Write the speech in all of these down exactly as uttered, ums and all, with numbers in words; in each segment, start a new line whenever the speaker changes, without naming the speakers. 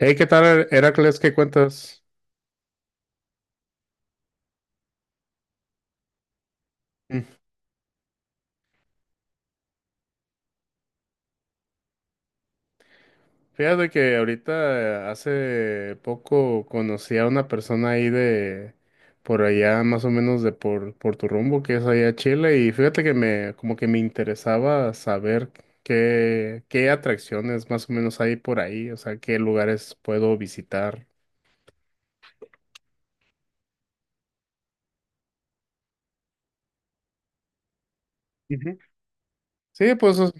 Hey, ¿qué tal, Her- Heracles? ¿Qué cuentas? Mm. Fíjate que ahorita eh, hace poco conocí a una persona ahí de por allá, más o menos de por, por tu rumbo, que es allá Chile, y fíjate que me como que me interesaba saber qué, qué atracciones más o menos hay por ahí, o sea, qué lugares puedo visitar. Ujú. Sí, pues, o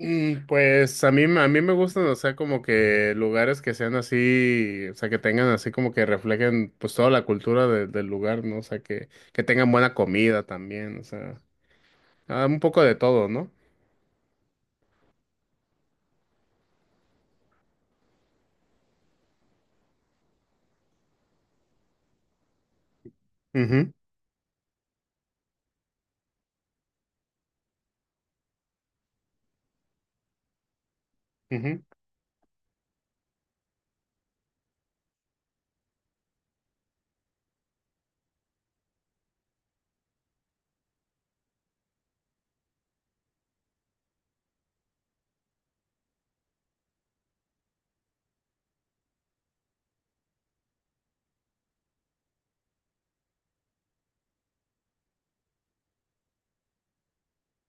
Mm, Pues a mí, a mí me gustan, o sea, como que lugares que sean así, o sea, que tengan así como que reflejen pues toda la cultura de- del lugar, ¿no? O sea, que, que tengan buena comida también, o sea, ah, un poco de todo, no. Mhm, mhm,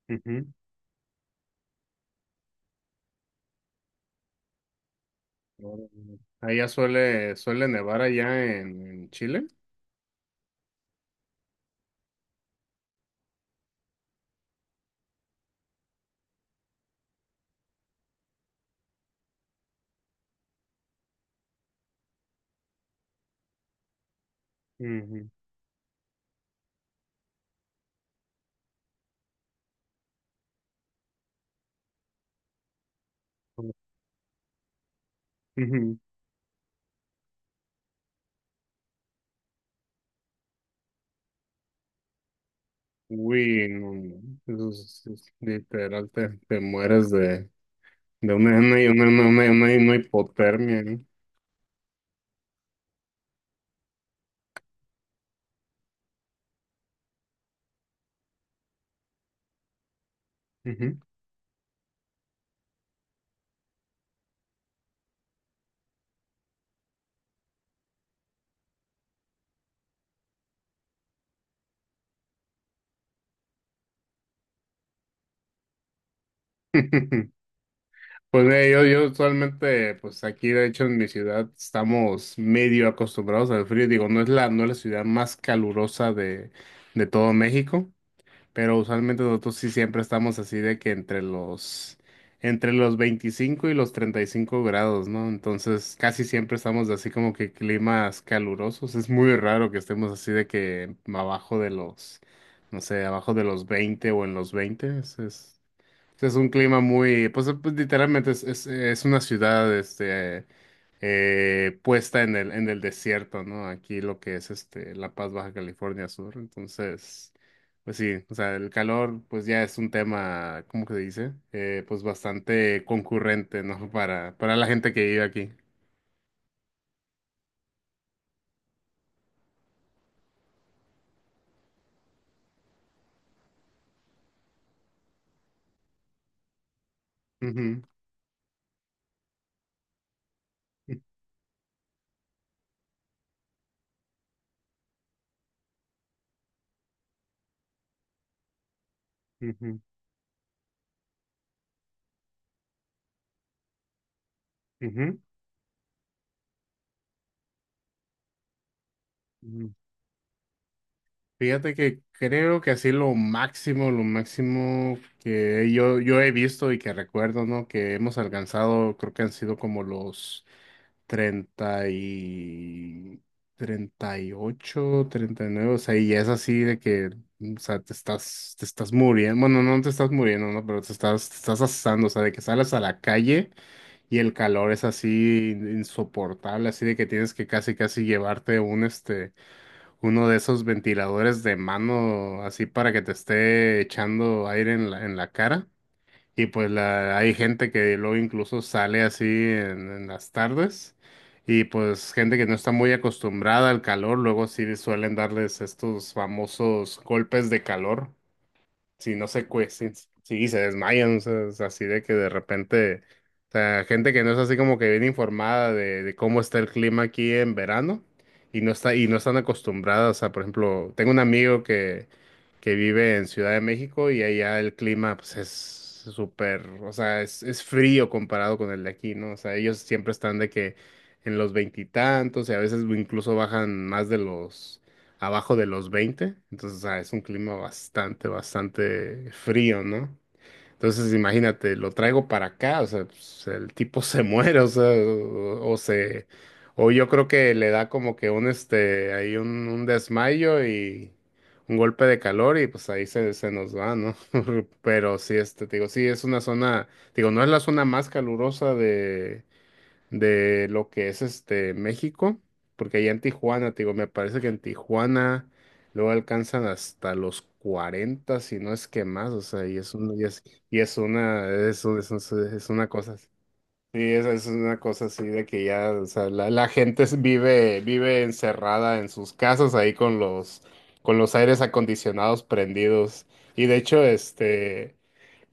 mhm. Allá suele, suele nevar allá en, en Chile. Ujú, ujú. Uy, no, no, eso es- es literal, te, te mueres de, de una, una, una, una, una- una hipotermia, ¿no? Ujú. Pues mira, yo, yo usualmente, pues aquí de hecho en mi ciudad estamos medio acostumbrados al frío. Digo, no es la, no es la ciudad más calurosa de, de todo México, pero usualmente nosotros sí siempre estamos así de que entre los, entre los veinticinco y los treinta y cinco grados, ¿no? Entonces casi siempre estamos de así como que climas calurosos. Es muy raro que estemos así de que abajo de los, no sé, abajo de los veinte o en los veinte. Es, es- este, Es un clima muy, pues, pues, literalmente es, es, es una ciudad este, eh, puesta en el, en el desierto, ¿no? Aquí lo que es este, La Paz, Baja California Sur. Entonces, pues sí, o sea, el calor pues ya es un tema, ¿cómo que se dice? Eh, pues bastante concurrente, ¿no? Para, para la gente que vive aquí. Ujú, ujú, ujú, ujú. Fíjate que creo que así lo máximo, lo máximo que yo, yo he visto y que recuerdo, ¿no? Que hemos alcanzado, creo que han sido como los treinta y treinta treinta y ocho, treinta y nueve. O sea, y es así de que, o sea, te estás, te estás muriendo, bueno, no te estás muriendo, ¿no? Pero te estás, te estás asando, o sea, de que sales a la calle y el calor es así insoportable, así de que tienes que casi, casi llevarte un, este uno de esos ventiladores de mano así para que te esté echando aire en la, en la cara. Y pues la, hay gente que luego incluso sale así en, en las tardes. Y pues gente que no está muy acostumbrada al calor, luego sí suelen darles estos famosos golpes de calor si no se cue, si, si se desmayan, o sea, es así de que de repente, o sea, gente que no es así como que bien informada de, de cómo está el clima aquí en verano y no está, y no están acostumbradas, o sea, por ejemplo, tengo un amigo que, que vive en Ciudad de México y allá el clima pues es súper, o sea, es, es frío comparado con el de aquí, ¿no? O sea, ellos siempre están de que en los veintitantos y a veces incluso bajan más de los abajo de los veinte, entonces ah, es un clima bastante, bastante frío, ¿no? Entonces imagínate, lo traigo para acá, o sea, pues, el tipo se muere, o sea, o, o se, o yo creo que le da como que un, este, ahí un, un desmayo y un golpe de calor y pues ahí se, se nos va, ¿no? Pero sí, este, te digo, sí, es una zona, digo, no es la zona más calurosa de de lo que es este México, porque allá en Tijuana, te digo, me parece que en Tijuana luego alcanzan hasta los cuarenta, si no es que más, o sea, y es un- y es, y es una, es, un- es, un- es una cosa, así. Sí, es, es una cosa así de que ya, o sea, la, la gente es- vive, vive encerrada en sus casas ahí con los, con los aires acondicionados prendidos, y de hecho, este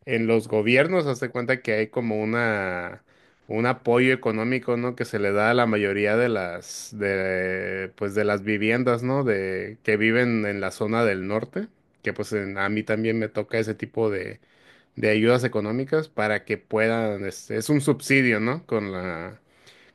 en los gobiernos, hazte cuenta que hay como una un apoyo económico, ¿no? Que se le da a la mayoría de las de pues de las viviendas, ¿no? De que viven en la zona del norte, que pues en- a mí también me toca ese tipo de de ayudas económicas para que puedan, este, es un subsidio, ¿no? Con la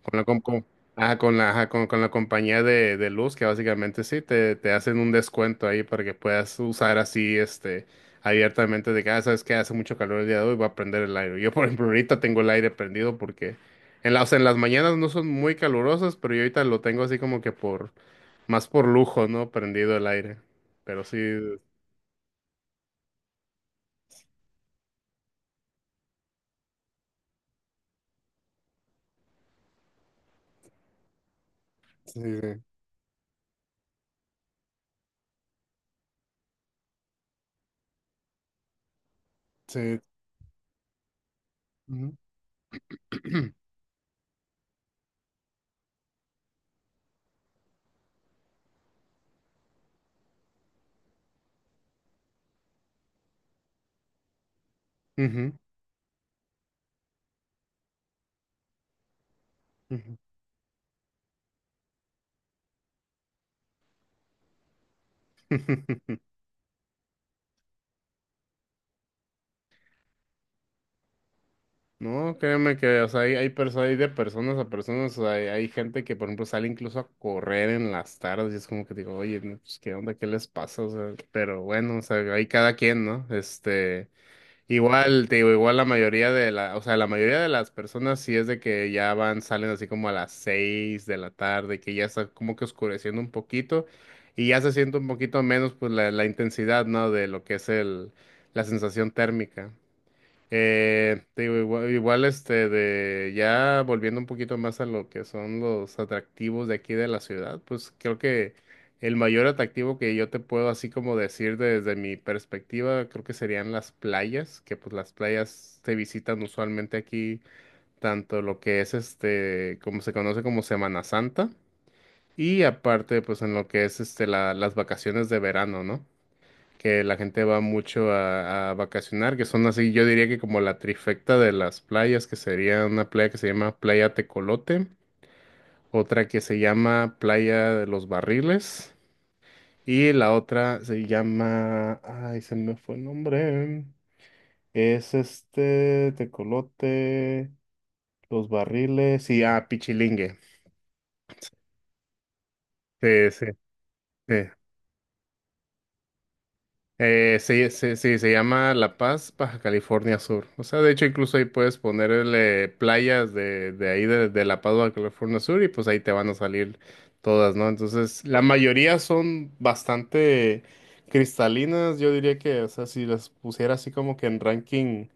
con la, com- com- ah, con la, ajá, con, con la compañía de, de luz, que básicamente sí, te, te hacen un descuento ahí para que puedas usar así, este, abiertamente de que, ah, sabes que hace mucho calor el día de hoy, voy a prender el aire. Yo, por ejemplo, ahorita tengo el aire prendido porque en las, en las mañanas no son muy calurosas, pero yo ahorita lo tengo así como que por, más por lujo, ¿no? Prendido el aire. Pero sí, sí, sí. Sí. Ujú. Ujú, ujú. No, créeme que, o sea, hay, hay, perso- hay de personas a personas, o sea, hay, hay gente que, por ejemplo, sale incluso a correr en las tardes y es como que digo, oye, no, pues, ¿qué onda? ¿Qué les pasa? O sea, pero bueno, o sea, hay cada quien, ¿no? Este, igual, te digo, igual la mayoría de la, o sea, la mayoría de las personas sí es de que ya van, salen así como a las seis de la tarde, que ya está como que oscureciendo un poquito y ya se siente un poquito menos, pues, la, la intensidad, ¿no? De lo que es el, la sensación térmica. Eh, te digo, igual, igual, este de ya volviendo un poquito más a lo que son los atractivos de aquí de la ciudad, pues creo que el mayor atractivo que yo te puedo así como decir desde mi perspectiva, creo que serían las playas, que pues las playas se visitan usualmente aquí, tanto lo que es este, como se conoce como Semana Santa, y aparte pues en lo que es este la- las vacaciones de verano, ¿no? Que la gente va mucho a, a vacacionar, que son así, yo diría que como la trifecta de las playas, que sería una playa que se llama Playa Tecolote, otra que se llama Playa de los Barriles, y la otra se llama, ay, se me fue el nombre, es este Tecolote, Los Barriles y, ah, Pichilingue. Sí, sí, sí. Eh, sí, sí, sí, se llama La Paz, Baja California Sur. O sea, de hecho, incluso ahí puedes ponerle playas de, de ahí, de, de La Paz, Baja California Sur, y pues ahí te van a salir todas, ¿no? Entonces, la mayoría son bastante cristalinas. Yo diría que, o sea, si las pusiera así como que en ranking,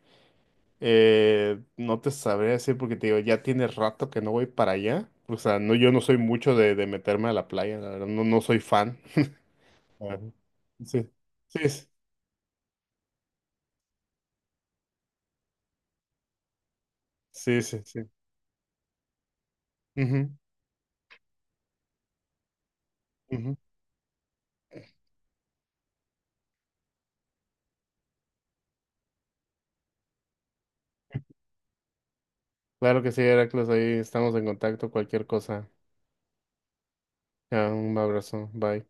eh, no te sabría decir porque te digo, ya tiene rato que no voy para allá. O sea, no, yo no soy mucho de, de meterme a la playa, la verdad, no, no soy fan. Ajá. Sí, sí, sí, sí, sí. Sí, ujú, ujú. Claro que sí, Heracles, ahí estamos en contacto, cualquier cosa. Ya, un abrazo, bye.